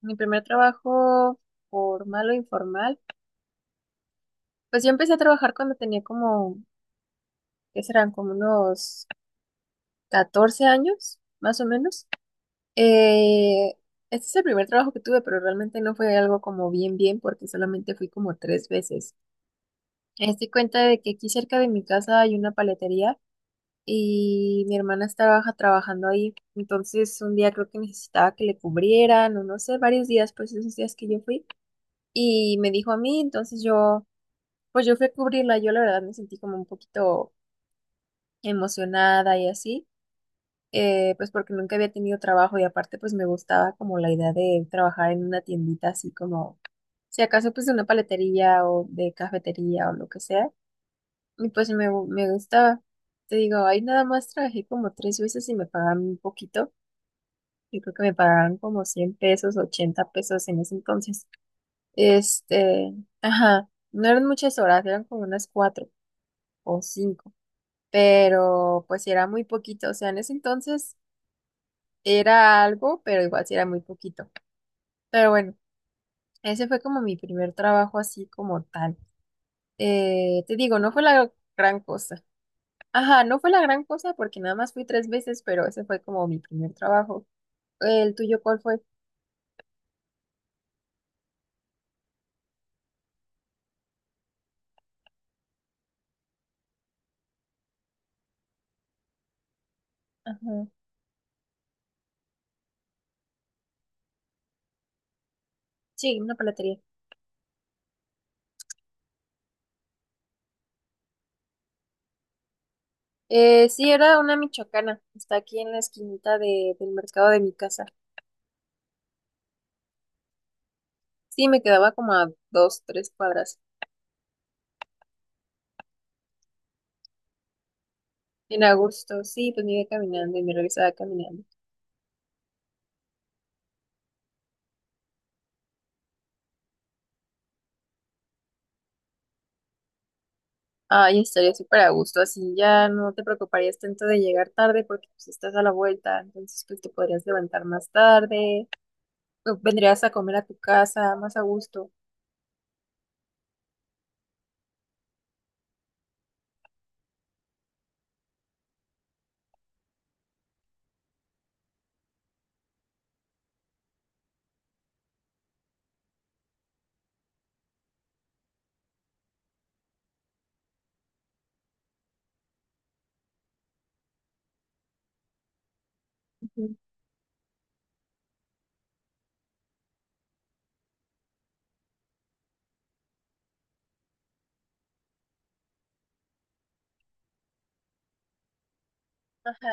Mi primer trabajo formal o informal, pues yo empecé a trabajar cuando tenía como, ¿qué serán? Como unos 14 años, más o menos. Eh, este es el primer trabajo que tuve, pero realmente no fue algo como bien, bien, porque solamente fui como tres veces. Me di cuenta de que aquí cerca de mi casa hay una paletería y mi hermana estaba trabajando ahí. Entonces un día creo que necesitaba que le cubrieran o no sé, varios días, pues esos días que yo fui. Y me dijo a mí, entonces yo pues yo fui a cubrirla. Yo la verdad me sentí como un poquito emocionada y así. Pues porque nunca había tenido trabajo y aparte pues me gustaba como la idea de trabajar en una tiendita, así como, si acaso pues de una paletería o de cafetería o lo que sea, y pues me gustaba. Te digo, ahí nada más trabajé como tres veces y me pagaban un poquito. Yo creo que me pagaban como 100 pesos, 80 pesos en ese entonces. Este, ajá, no eran muchas horas, eran como unas cuatro o cinco. Pero pues sí era muy poquito, o sea, en ese entonces era algo, pero igual sí era muy poquito. Pero bueno, ese fue como mi primer trabajo así como tal. Te digo, no fue la gran cosa. Ajá, no fue la gran cosa porque nada más fui tres veces, pero ese fue como mi primer trabajo. ¿El tuyo cuál fue? Ajá. Sí, una paletería. Sí, era una michoacana. Está aquí en la esquinita del mercado de mi casa. Sí, me quedaba como a dos, tres cuadras. En agosto, sí, pues me iba caminando y me regresaba caminando. Ay, estaría súper a gusto, así ya no te preocuparías tanto de llegar tarde porque pues estás a la vuelta, entonces pues te podrías levantar más tarde, o vendrías a comer a tu casa más a gusto. Ujú. Ajá.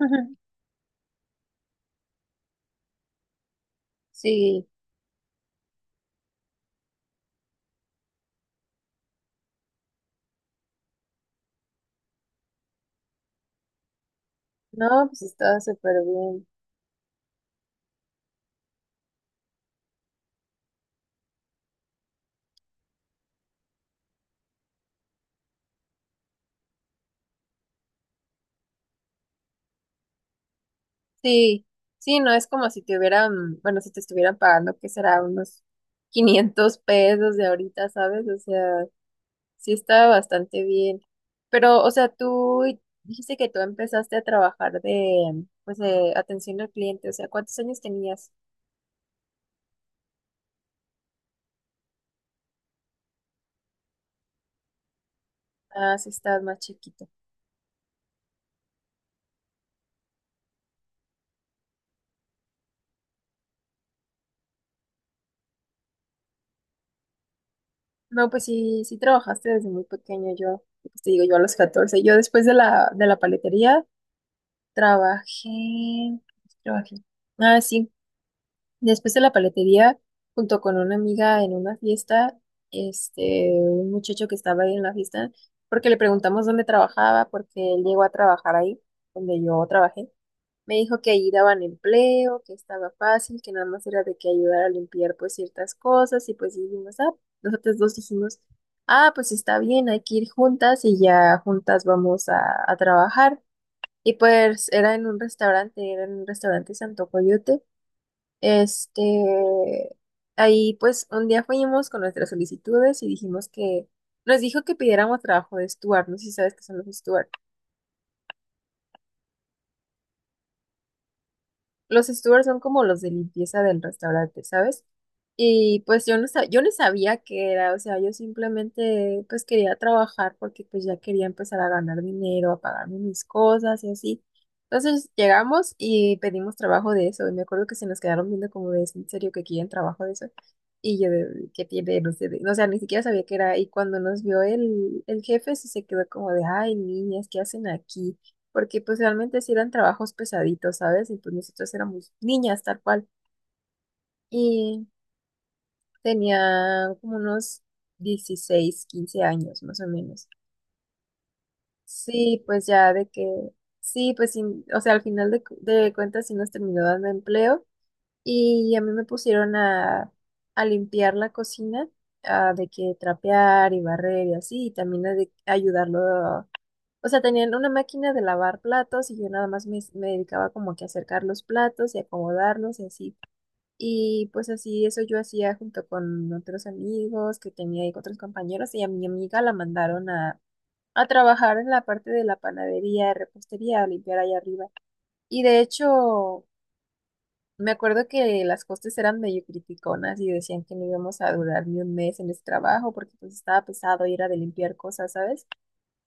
Ujú. Sí, no, pues estaba súper bien. Sí, sí, no es como si te hubieran, bueno, si te estuvieran pagando, que será unos 500 pesos de ahorita, ¿sabes? O sea, sí, estaba bastante bien. Pero, o sea, tú dijiste que tú empezaste a trabajar de, pues, de atención al cliente. O sea, ¿cuántos años tenías? Ah, sí, estabas más chiquito. No, pues sí, sí trabajaste desde muy pequeño. Yo, pues te digo, yo a los 14. Yo después de la paletería trabajé, trabajé. Ah, sí. Después de la paletería, junto con una amiga en una fiesta, un muchacho que estaba ahí en la fiesta, porque le preguntamos dónde trabajaba, porque él llegó a trabajar ahí, donde yo trabajé, me dijo que ahí daban empleo, que estaba fácil, que nada más era de que ayudar a limpiar pues ciertas cosas, y pues dijimos, ah, nosotros dos dijimos, ah, pues está bien, hay que ir juntas y ya juntas vamos a trabajar. Y pues era en un restaurante, era en un restaurante Santo Coyote. Este, ahí pues un día fuimos con nuestras solicitudes y dijimos que nos dijo que pidiéramos trabajo de Stuart, no sé si sabes qué son los Stuart. Los stewards son como los de limpieza del restaurante, ¿sabes? Y pues yo no sabía qué era, o sea, yo simplemente pues quería trabajar porque pues ya quería empezar a ganar dinero, a pagarme mis cosas y así. Entonces llegamos y pedimos trabajo de eso, y me acuerdo que se nos quedaron viendo como de, "¿Es en serio que quieren trabajo de eso?" Y yo de, ¿qué tiene? No sé, de- o sea, ni siquiera sabía qué era, y cuando nos vio el jefe sí se quedó como de, ay, niñas, ¿qué hacen aquí? Porque pues realmente sí eran trabajos pesaditos, ¿sabes? Y pues nosotros éramos niñas tal cual. Y tenía como unos 16, 15 años más o menos. Sí, pues ya de que, sí, pues sin- o sea, al final de cuentas sí nos terminó dando empleo y a mí me pusieron a limpiar la cocina, a de que trapear y barrer y así, y también a de ayudarlo. O sea, tenían una máquina de lavar platos y yo nada más me dedicaba como que a acercar los platos y acomodarlos y así. Y pues así eso yo hacía junto con otros amigos que tenía ahí con otros compañeros y a mi amiga la mandaron a trabajar en la parte de la panadería, repostería, a limpiar ahí arriba. Y de hecho, me acuerdo que las costes eran medio criticonas y decían que no íbamos a durar ni un mes en ese trabajo porque pues estaba pesado y era de limpiar cosas, ¿sabes?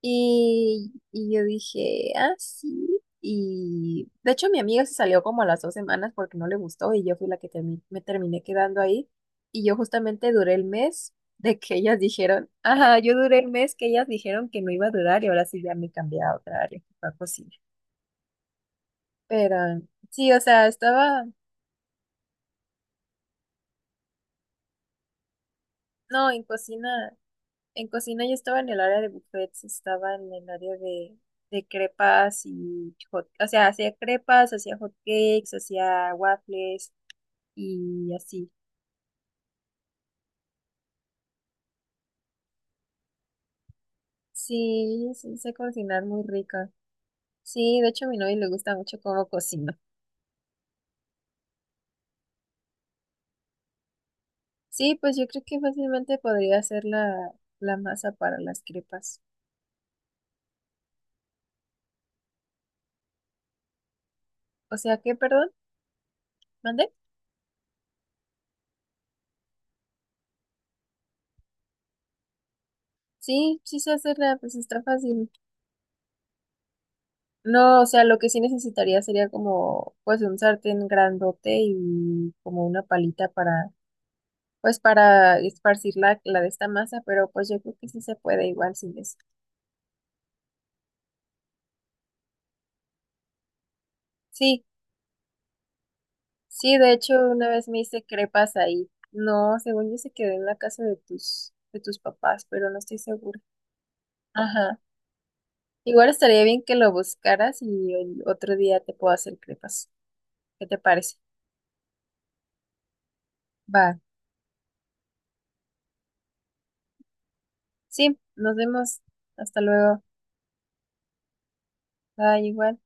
Y yo dije, ah, sí. Y de hecho mi amiga se salió como a las 2 semanas porque no le gustó y yo fui la que me terminé quedando ahí. Y yo justamente duré el mes de que ellas dijeron, ajá, yo duré el mes que ellas dijeron que no iba a durar y ahora sí ya me cambié a otra área, que fue cocina. Pero sí, o sea, estaba, no, en cocina. En cocina yo estaba en el área de buffets, estaba en el área de, crepas y hot, o sea, hacía crepas, hacía hot cakes, hacía waffles y así. Sí, sí, sé cocinar muy rica. Sí, de hecho a mi novio le gusta mucho cómo cocino. Sí, pues yo creo que fácilmente podría hacer la, masa para las crepas. O sea, ¿qué, perdón? ¿Mandé? Sí, sí sé hacerla, pues está fácil. No, o sea, lo que sí necesitaría sería como, pues, un sartén grandote y como una palita para, pues, para esparcir la de esta masa, pero pues yo creo que sí se puede igual sin eso. Sí, sí, de hecho, una vez me hice crepas ahí. No, según yo se quedó en la casa de tus papás, pero no estoy segura. Ajá. Igual estaría bien que lo buscaras y el otro día te puedo hacer crepas. ¿Qué te parece? Va. Sí, nos vemos. Hasta luego. Bye, igual.